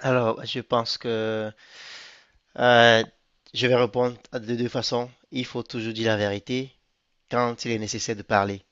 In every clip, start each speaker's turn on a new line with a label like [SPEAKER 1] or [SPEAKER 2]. [SPEAKER 1] Alors, je pense que euh, je vais répondre de deux façons. Il faut toujours dire la vérité quand il est nécessaire de parler.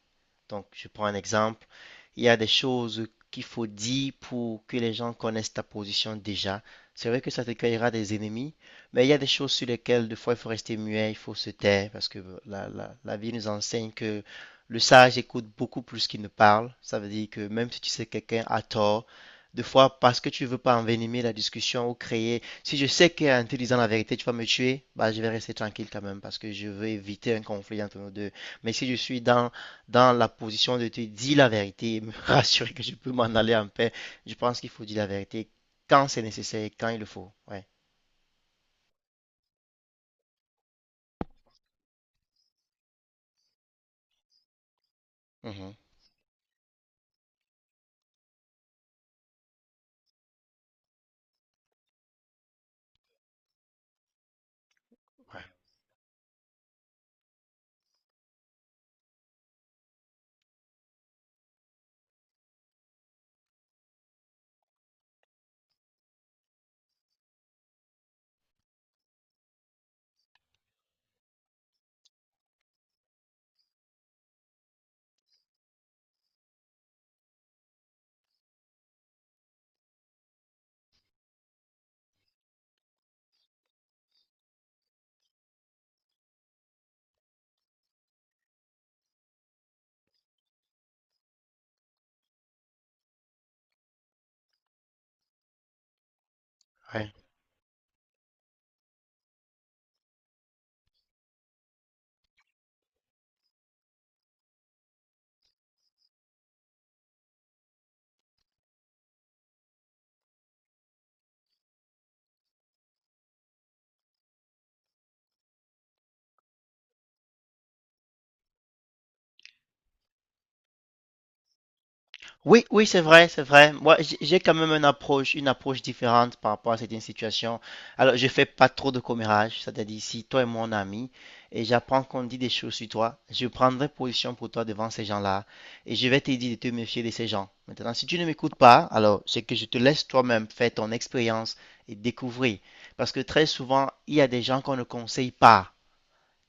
[SPEAKER 1] Donc, je prends un exemple. Il y a des choses qu'il faut dire pour que les gens connaissent ta position déjà. C'est vrai que ça te créera des ennemis, mais il y a des choses sur lesquelles, des fois, il faut rester muet, il faut se taire, parce que la vie nous enseigne que le sage écoute beaucoup plus qu'il ne parle. Ça veut dire que même si tu sais que quelqu'un a tort, des fois, parce que tu veux pas envenimer la discussion ou créer. Si je sais qu'en te disant la vérité, tu vas me tuer, bah, je vais rester tranquille quand même parce que je veux éviter un conflit entre nous deux. Mais si je suis dans la position de te dire la vérité et me rassurer que je peux m'en aller en paix. Je pense qu'il faut dire la vérité quand c'est nécessaire, quand il le faut. Ouais. Mhm. Ouais. Ouais. Oui, oui, c'est vrai, c'est vrai. Moi, j'ai quand même une approche différente par rapport à certaines situations. Alors, je fais pas trop de commérage, c'est-à-dire si toi et mon ami et j'apprends qu'on dit des choses sur toi, je prendrai position pour toi devant ces gens-là et je vais te dire de te méfier de ces gens. Maintenant, si tu ne m'écoutes pas, alors c'est que je te laisse toi-même faire ton expérience et découvrir. Parce que très souvent, il y a des gens qu'on ne conseille pas.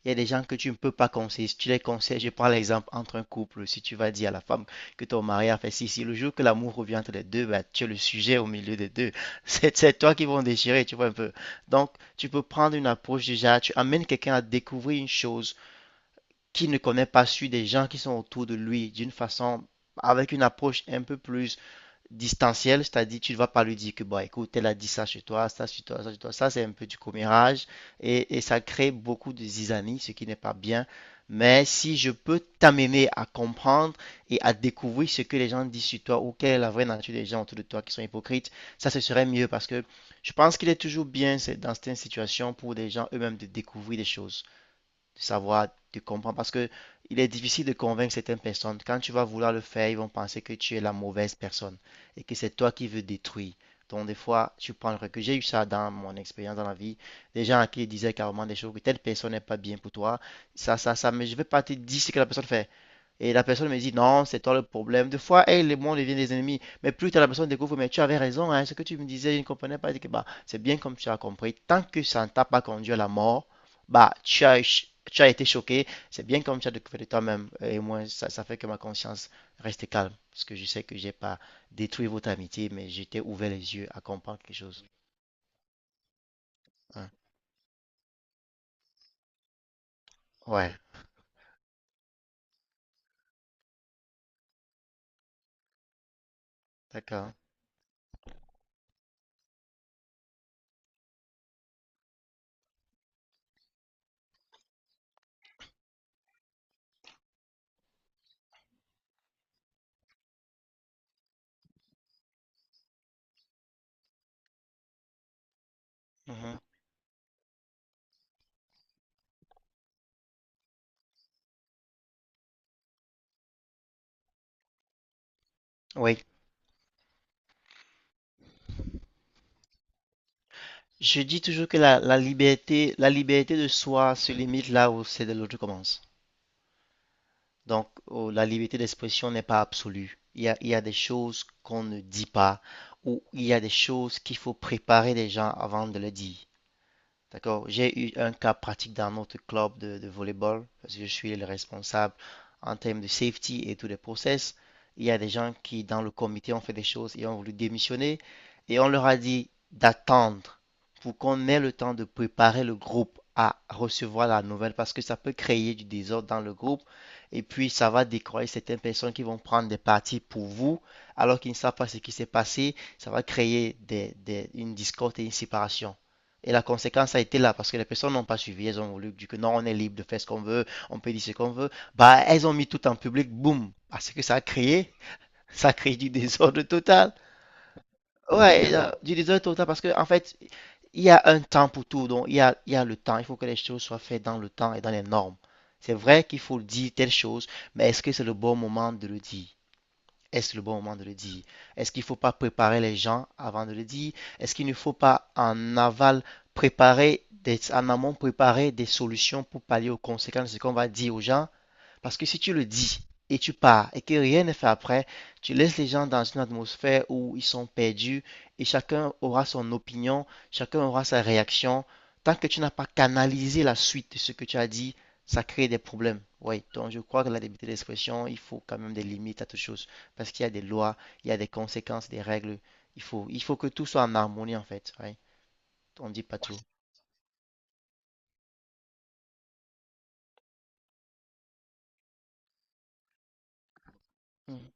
[SPEAKER 1] Il y a des gens que tu ne peux pas conseiller. Si tu les conseilles, je prends l'exemple entre un couple. Si tu vas dire à la femme que ton mari a fait si, si, le jour que l'amour revient entre les deux, bah, tu es le sujet au milieu des deux. C'est toi qui vont déchirer, tu vois un peu. Donc, tu peux prendre une approche déjà. Tu amènes quelqu'un à découvrir une chose qu'il ne connaît pas sur des gens qui sont autour de lui d'une façon, avec une approche un peu plus distanciel, c'est-à-dire tu ne vas pas lui dire que, bon, écoute, elle a dit ça chez toi, ça chez toi, ça chez toi, ça c'est un peu du commérage et ça crée beaucoup de zizanie, ce qui n'est pas bien. Mais si je peux t'amener à comprendre et à découvrir ce que les gens disent sur toi ou quelle est la vraie nature des gens autour de toi qui sont hypocrites, ça ce serait mieux parce que je pense qu'il est toujours bien dans certaines situations pour les gens eux-mêmes de découvrir des choses de savoir, de comprendre. Parce que il est difficile de convaincre certaines personnes. Quand tu vas vouloir le faire, ils vont penser que tu es la mauvaise personne et que c'est toi qui veux détruire. Donc, des fois, tu prends le recul. J'ai eu ça dans mon expérience dans la vie. Des gens à qui disaient carrément des choses que telle personne n'est pas bien pour toi. Ça, mais je ne vais pas te dire ce que la personne fait. Et la personne me dit, non, c'est toi le problème. Des fois, elle et moi, on devient des ennemis. Mais plus tard, la personne découvre, mais tu avais raison, hein, ce que tu me disais, je ne comprenais pas. Je dis que, bah, c'est bien comme tu as compris. Tant que ça ne t'a pas conduit à la mort, bah, tu as été choqué. C'est bien comme tu as découvert de toi-même. Et moi, ça fait que ma conscience reste calme. Parce que je sais que j'ai pas détruit votre amitié, mais j'étais ouvert les yeux à comprendre quelque chose. Hein. Ouais, d'accord. Mhm. Oui. Je dis toujours que la liberté, la liberté de soi se limite là où c'est de l'autre commence. Donc, oh, la liberté d'expression n'est pas absolue. Il y a des choses qu'on ne dit pas ou il y a des choses qu'il faut préparer les gens avant de le dire. D'accord. J'ai eu un cas pratique dans notre club de volleyball parce que je suis le responsable en termes de safety et tous les process. Il y a des gens qui, dans le comité, ont fait des choses et ont voulu démissionner et on leur a dit d'attendre pour qu'on ait le temps de préparer le groupe à recevoir la nouvelle parce que ça peut créer du désordre dans le groupe et puis ça va décroyer certaines personnes qui vont prendre des parties pour vous alors qu'ils ne savent pas ce qui s'est passé. Ça va créer une discorde et une séparation. Et la conséquence a été là parce que les personnes n'ont pas suivi. Elles ont voulu, du coup, non, on est libre de faire ce qu'on veut, on peut dire ce qu'on veut. Bah, elles ont mis tout en public, boum. Parce que ça a créé, ça a créé du désordre total. Ouais, du désordre total parce que, en fait, il y a un temps pour tout. Donc, il y a le temps. Il faut que les choses soient faites dans le temps et dans les normes. C'est vrai qu'il faut dire telle chose, mais est-ce que c'est le bon moment de le dire? Est-ce le bon moment de le dire? Est-ce qu'il ne faut pas préparer les gens avant de le dire? Est-ce qu'il ne faut pas en aval préparer des, en amont préparer des solutions pour pallier aux conséquences de ce qu'on va dire aux gens? Parce que si tu le dis et tu pars et que rien n'est fait après, tu laisses les gens dans une atmosphère où ils sont perdus et chacun aura son opinion, chacun aura sa réaction. Tant que tu n'as pas canalisé la suite de ce que tu as dit, ça crée des problèmes. Oui, donc je crois que la liberté d'expression, il faut quand même des limites à toute chose parce qu'il y a des lois, il y a des conséquences, des règles. Il faut que tout soit en harmonie en fait. Ouais. On ne dit pas tout. Mhm.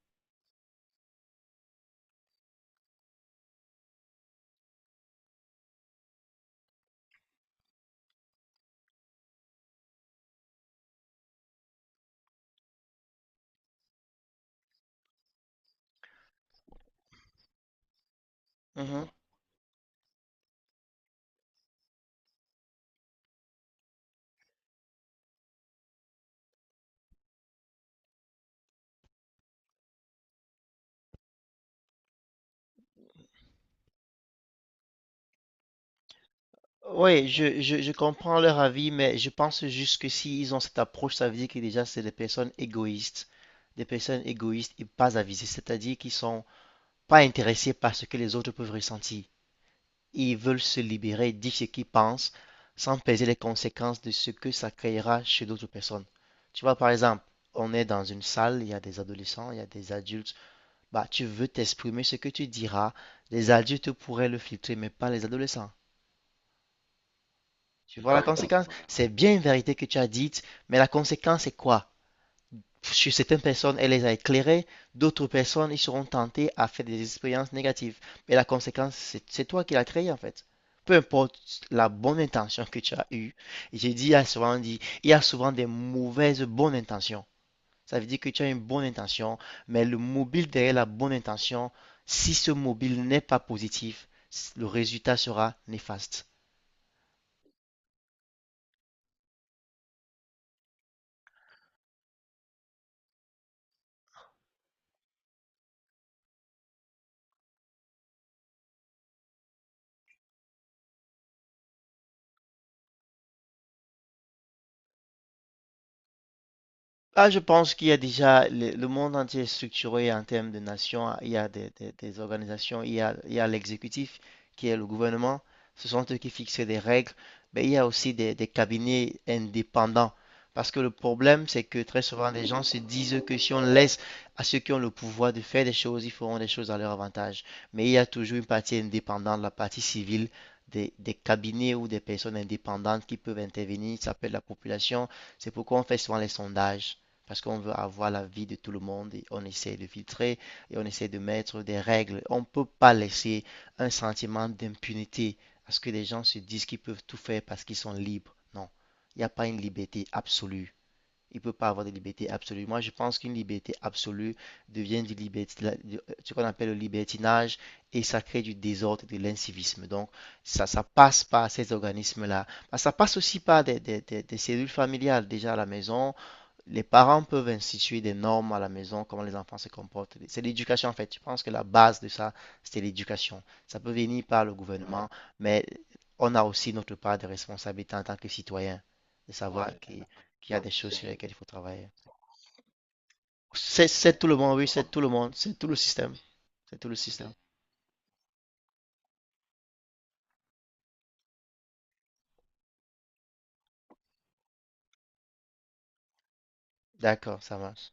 [SPEAKER 1] Mhm. Oui, je comprends leur avis, mais je pense juste que s'ils ont cette approche, ça veut dire que déjà, c'est des personnes égoïstes. Des personnes égoïstes et pas avisées, c'est-à-dire qu'ils sont pas intéressés par ce que les autres peuvent ressentir. Ils veulent se libérer, dire ce qu'ils pensent, sans peser les conséquences de ce que ça créera chez d'autres personnes. Tu vois, par exemple, on est dans une salle, il y a des adolescents, il y a des adultes. Bah, tu veux t'exprimer ce que tu diras. Les adultes pourraient le filtrer, mais pas les adolescents. Tu vois la conséquence? C'est bien une vérité que tu as dite, mais la conséquence c'est quoi? Sur certaines personnes, elle les a éclairées, d'autres personnes, ils seront tentés à faire des expériences négatives. Mais la conséquence, c'est toi qui l'as créée en fait. Peu importe la bonne intention que tu as eue, et j'ai dit, il y a souvent des mauvaises bonnes intentions. Ça veut dire que tu as une bonne intention, mais le mobile derrière la bonne intention, si ce mobile n'est pas positif, le résultat sera néfaste. Ah, je pense qu'il y a déjà le monde entier est structuré en termes de nations. Il y a des organisations, il y a l'exécutif qui est le gouvernement. Ce sont eux qui fixent des règles. Mais il y a aussi des cabinets indépendants. Parce que le problème, c'est que très souvent, les gens se disent que si on laisse à ceux qui ont le pouvoir de faire des choses, ils feront des choses à leur avantage. Mais il y a toujours une partie indépendante, la partie civile, des cabinets ou des personnes indépendantes qui peuvent intervenir. Ça peut être la population. C'est pourquoi on fait souvent les sondages. Parce qu'on veut avoir la vie de tout le monde et on essaie de filtrer et on essaie de mettre des règles. On ne peut pas laisser un sentiment d'impunité à ce que les gens se disent qu'ils peuvent tout faire parce qu'ils sont libres. Non, il n'y a pas une liberté absolue. Il ne peut pas avoir de liberté absolue. Moi, je pense qu'une liberté absolue devient du liberti- ce qu'on appelle le libertinage et ça crée du désordre et de l'incivisme. Donc, ça passe par ces organismes-là. Bah, ça passe aussi par des cellules familiales déjà à la maison, les parents peuvent instituer des normes à la maison, comment les enfants se comportent. C'est l'éducation en fait. Je pense que la base de ça, c'est l'éducation. Ça peut venir par le gouvernement, mais on a aussi notre part de responsabilité en tant que citoyen, de savoir Ouais. Qu'il y a des choses sur lesquelles il faut travailler. C'est tout le monde, oui, c'est tout le monde, c'est tout le système. C'est tout le système. D'accord, ça marche.